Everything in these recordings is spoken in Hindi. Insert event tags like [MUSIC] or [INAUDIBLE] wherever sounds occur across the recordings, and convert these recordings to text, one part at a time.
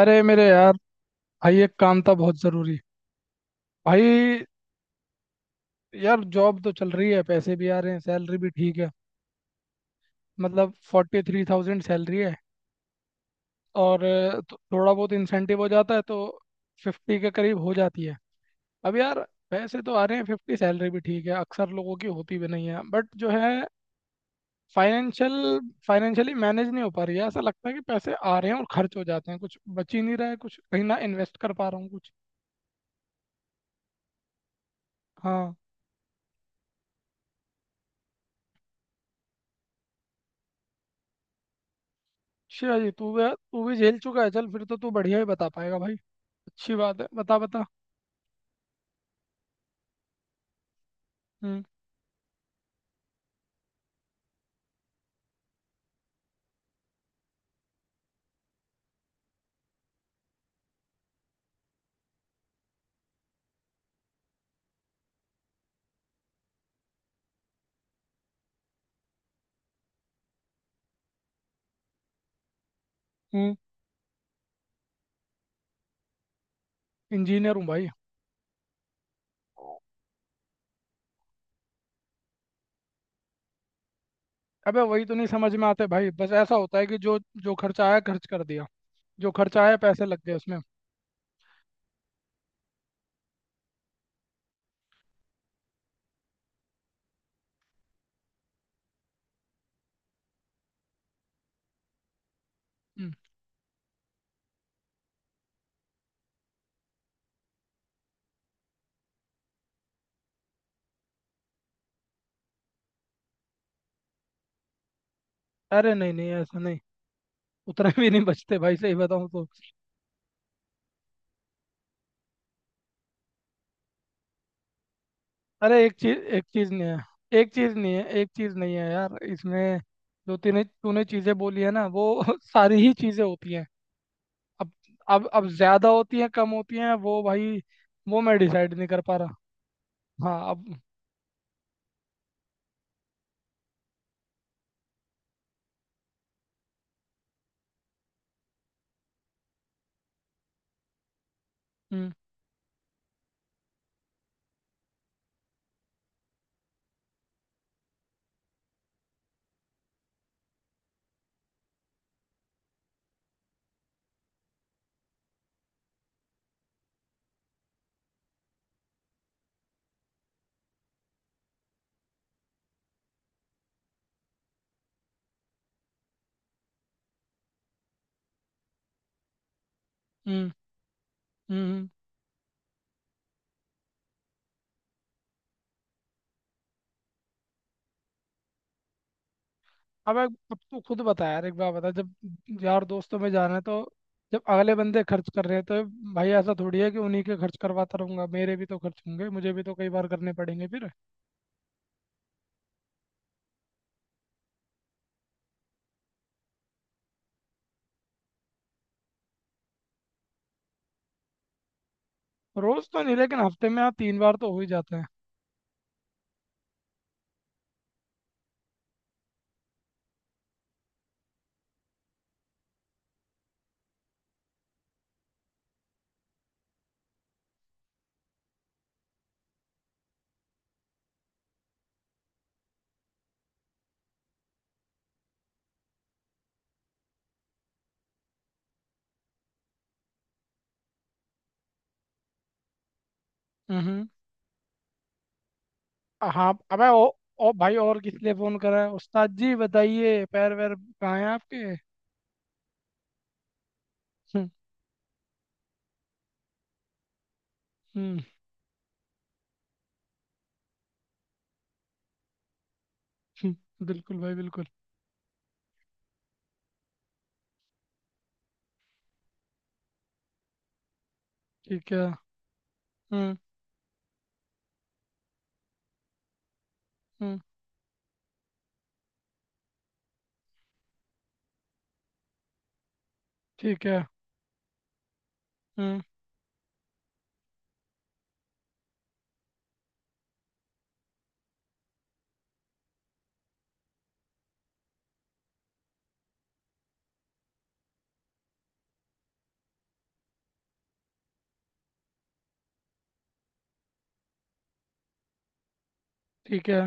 अरे मेरे यार। भाई एक काम था बहुत ज़रूरी, भाई। यार जॉब तो चल रही है, पैसे भी आ रहे हैं, सैलरी भी ठीक है। मतलब 43,000 सैलरी है। और थोड़ा बहुत इंसेंटिव हो जाता है तो 50 के करीब हो जाती है। अब यार पैसे तो आ रहे हैं, 50 सैलरी भी ठीक है, अक्सर लोगों की होती भी नहीं है, बट जो है फाइनेंशियल फाइनेंशियली मैनेज नहीं हो पा रही है। ऐसा लगता है कि पैसे आ रहे हैं और खर्च हो जाते हैं, कुछ बच ही नहीं रहा है, कुछ कहीं ना इन्वेस्ट कर पा रहा हूँ कुछ। हाँ। अच्छा जी, तू भी झेल चुका है। चल फिर तो तू बढ़िया ही बता पाएगा भाई। अच्छी बात है, बता बता। हम्म। हम्म। इंजीनियर हूँ भाई। अबे वही तो नहीं समझ में आते भाई, बस ऐसा होता है कि जो जो खर्चा आया खर्च कर दिया। जो खर्चा आया, पैसे लग गए उसमें। हम्म। अरे नहीं नहीं, ऐसा नहीं। उतने भी नहीं बचते भाई, सही बताऊँ तो। अरे एक चीज नहीं है, एक चीज नहीं है, एक चीज नहीं है यार, इसमें जो तूने तूने चीजें बोली है ना वो [LAUGHS] सारी ही चीजें होती हैं। अब अब ज्यादा होती हैं कम होती हैं वो भाई, वो मैं डिसाइड नहीं कर पा रहा। हाँ, अब। हम्म। हम्म। हम्म। हम्म। अब तू खुद बता यार, एक बार बता, जब यार दोस्तों में जाना है तो, जब अगले बंदे खर्च कर रहे हैं तो, भाई ऐसा थोड़ी है कि उन्हीं के खर्च करवाता रहूंगा, मेरे भी तो खर्च होंगे, मुझे भी तो कई बार करने पड़ेंगे फिर। रोज तो नहीं, लेकिन हफ्ते में हाँ 3 बार तो हो ही जाते हैं। हम्म। हम्म। हाँ, अबे ओ, ओ भाई, और किस लिए फोन करा है उस्ताद जी, बताइए, पैर वैर कहाँ है आपके। हम्म। हम्म। हम्म। बिल्कुल भाई बिल्कुल। ठीक है। हम्म। हम्म। ठीक है। हम्म। ठीक है।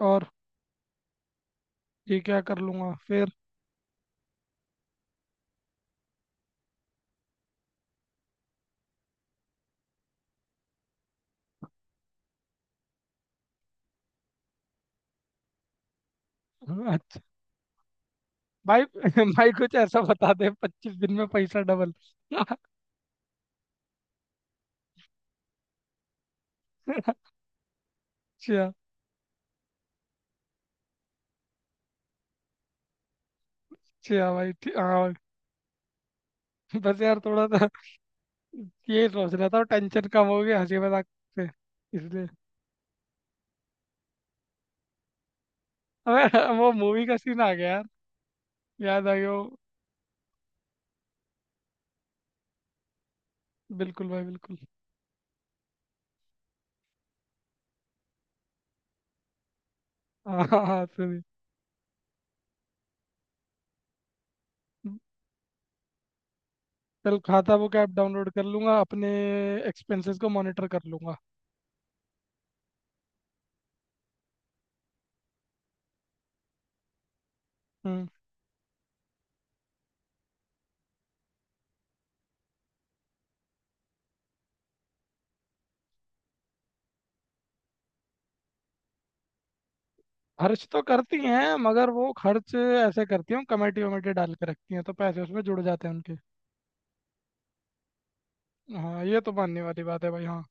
और ये क्या कर लूंगा फिर? हम्म। अच्छा। भाई [LAUGHS] भाई, कुछ ऐसा बता दे 25 दिन में पैसा डबल। अच्छा। अच्छा भाई, ठीक। हाँ भाई। बस यार थोड़ा सा ये सोच रहा था, टेंशन कम हो गया हंसी मजाक से, इसलिए। अबे वो मूवी का सीन आ गया यार, याद आ गया वो। बिल्कुल भाई बिल्कुल। हाँ, हाँ, हाँ, सुनिए। चल, खाता बुक ऐप डाउनलोड कर लूंगा, अपने एक्सपेंसेस को मॉनिटर कर लूंगा। हम्म। खर्च तो करती हैं, मगर वो खर्च ऐसे करती हैं, कमेटी वमेटी डाल के रखती हैं, तो पैसे उसमें जुड़ जाते हैं उनके। हाँ, ये तो मानने वाली बात है भाई, हाँ।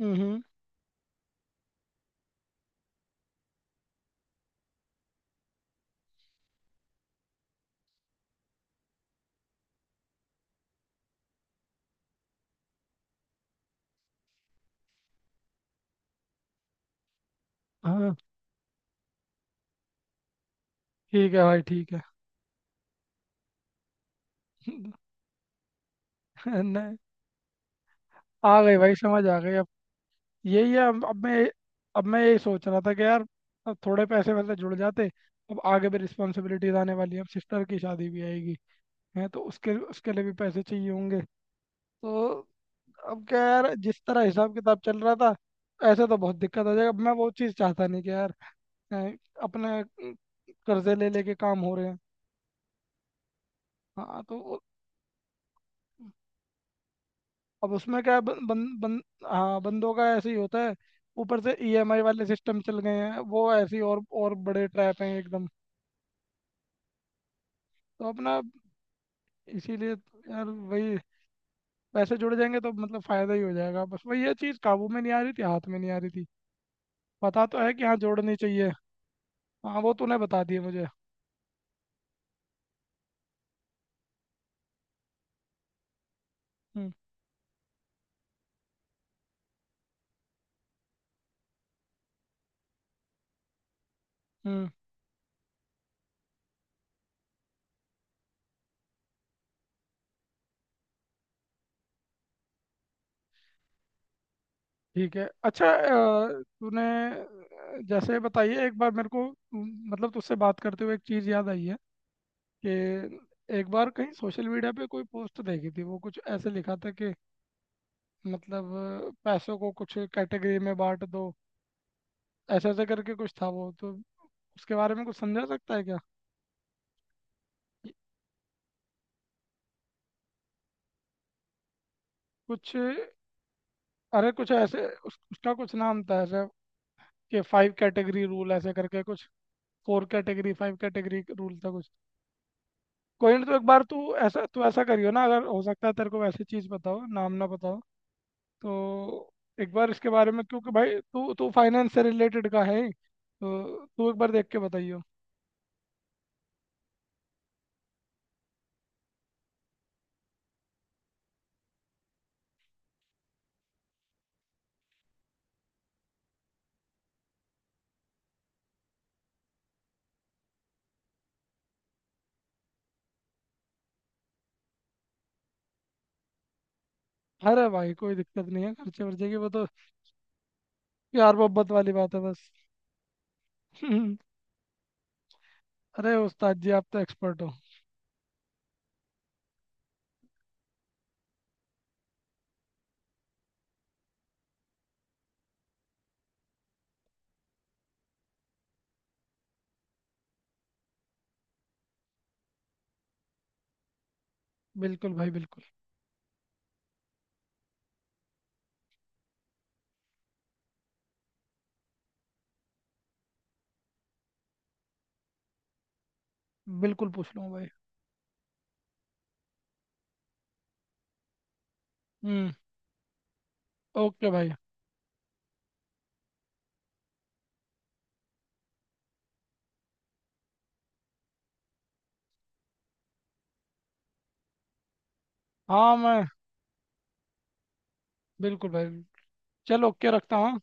हम्म। हाँ। ठीक है भाई, ठीक है। [LAUGHS] नहीं, आ गई भाई, समझ आ गई अब। यही है। अब मैं यही सोच रहा था कि यार, अब थोड़े पैसे वैसे जुड़ जाते। अब आगे भी रिस्पॉन्सिबिलिटीज आने वाली है, अब सिस्टर की शादी भी आएगी है, तो उसके उसके लिए भी पैसे चाहिए होंगे तो। अब क्या यार, जिस तरह हिसाब किताब चल रहा था ऐसे तो बहुत दिक्कत आ जाएगा। अब मैं वो चीज़ चाहता नहीं कि यार अ, अपने कर्जे ले लेके काम हो रहे हैं। हाँ। अब उसमें क्या है, बं, बं, बं, हाँ बंदों का ऐसे ही होता है। ऊपर से ईएमआई वाले सिस्टम चल गए हैं, वो ऐसे ही और बड़े ट्रैप हैं एकदम। तो अपना, इसीलिए तो यार वही, पैसे जुड़ जाएंगे तो मतलब फायदा ही हो जाएगा, बस वही, ये चीज़ काबू में नहीं आ रही थी, हाथ में नहीं आ रही थी, पता तो है कि हाँ जोड़नी चाहिए। हाँ, वो तूने बता दिया मुझे। हम्म। हम्म। ठीक है, अच्छा, तूने, जैसे बताइए एक बार मेरे को, मतलब तुझसे बात करते हुए एक चीज़ याद आई है कि एक बार कहीं सोशल मीडिया पे कोई पोस्ट देखी थी, वो कुछ ऐसे लिखा था कि, मतलब पैसों को कुछ कैटेगरी में बांट दो, ऐसे ऐसे करके कुछ था वो तो। उसके बारे में कुछ समझा सकता है क्या? कि कुछ, अरे कुछ ऐसे उसका कुछ नाम था ऐसे, कि फाइव कैटेगरी रूल, ऐसे करके कुछ, 4 कैटेगरी 5 कैटेगरी रूल था कुछ। कोई ना, तो एक बार तू ऐसा करियो ना, अगर हो सकता है तेरे को, वैसी चीज़ बताओ, नाम ना बताओ, तो एक बार इसके बारे में, क्योंकि भाई तू तू फाइनेंस से रिलेटेड का है ही, तो तू एक बार देख के बताइयो। अरे भाई, कोई दिक्कत नहीं है खर्चे वर्चे की, वो तो प्यार मोहब्बत वाली बात है बस। [LAUGHS] अरे उस्ताद जी, आप तो एक्सपर्ट हो। बिल्कुल भाई बिल्कुल। बिल्कुल पूछ लूंगा भाई। हम्म। ओके भाई। हाँ मैं, बिल्कुल भाई। चलो, ओके, रखता हूँ।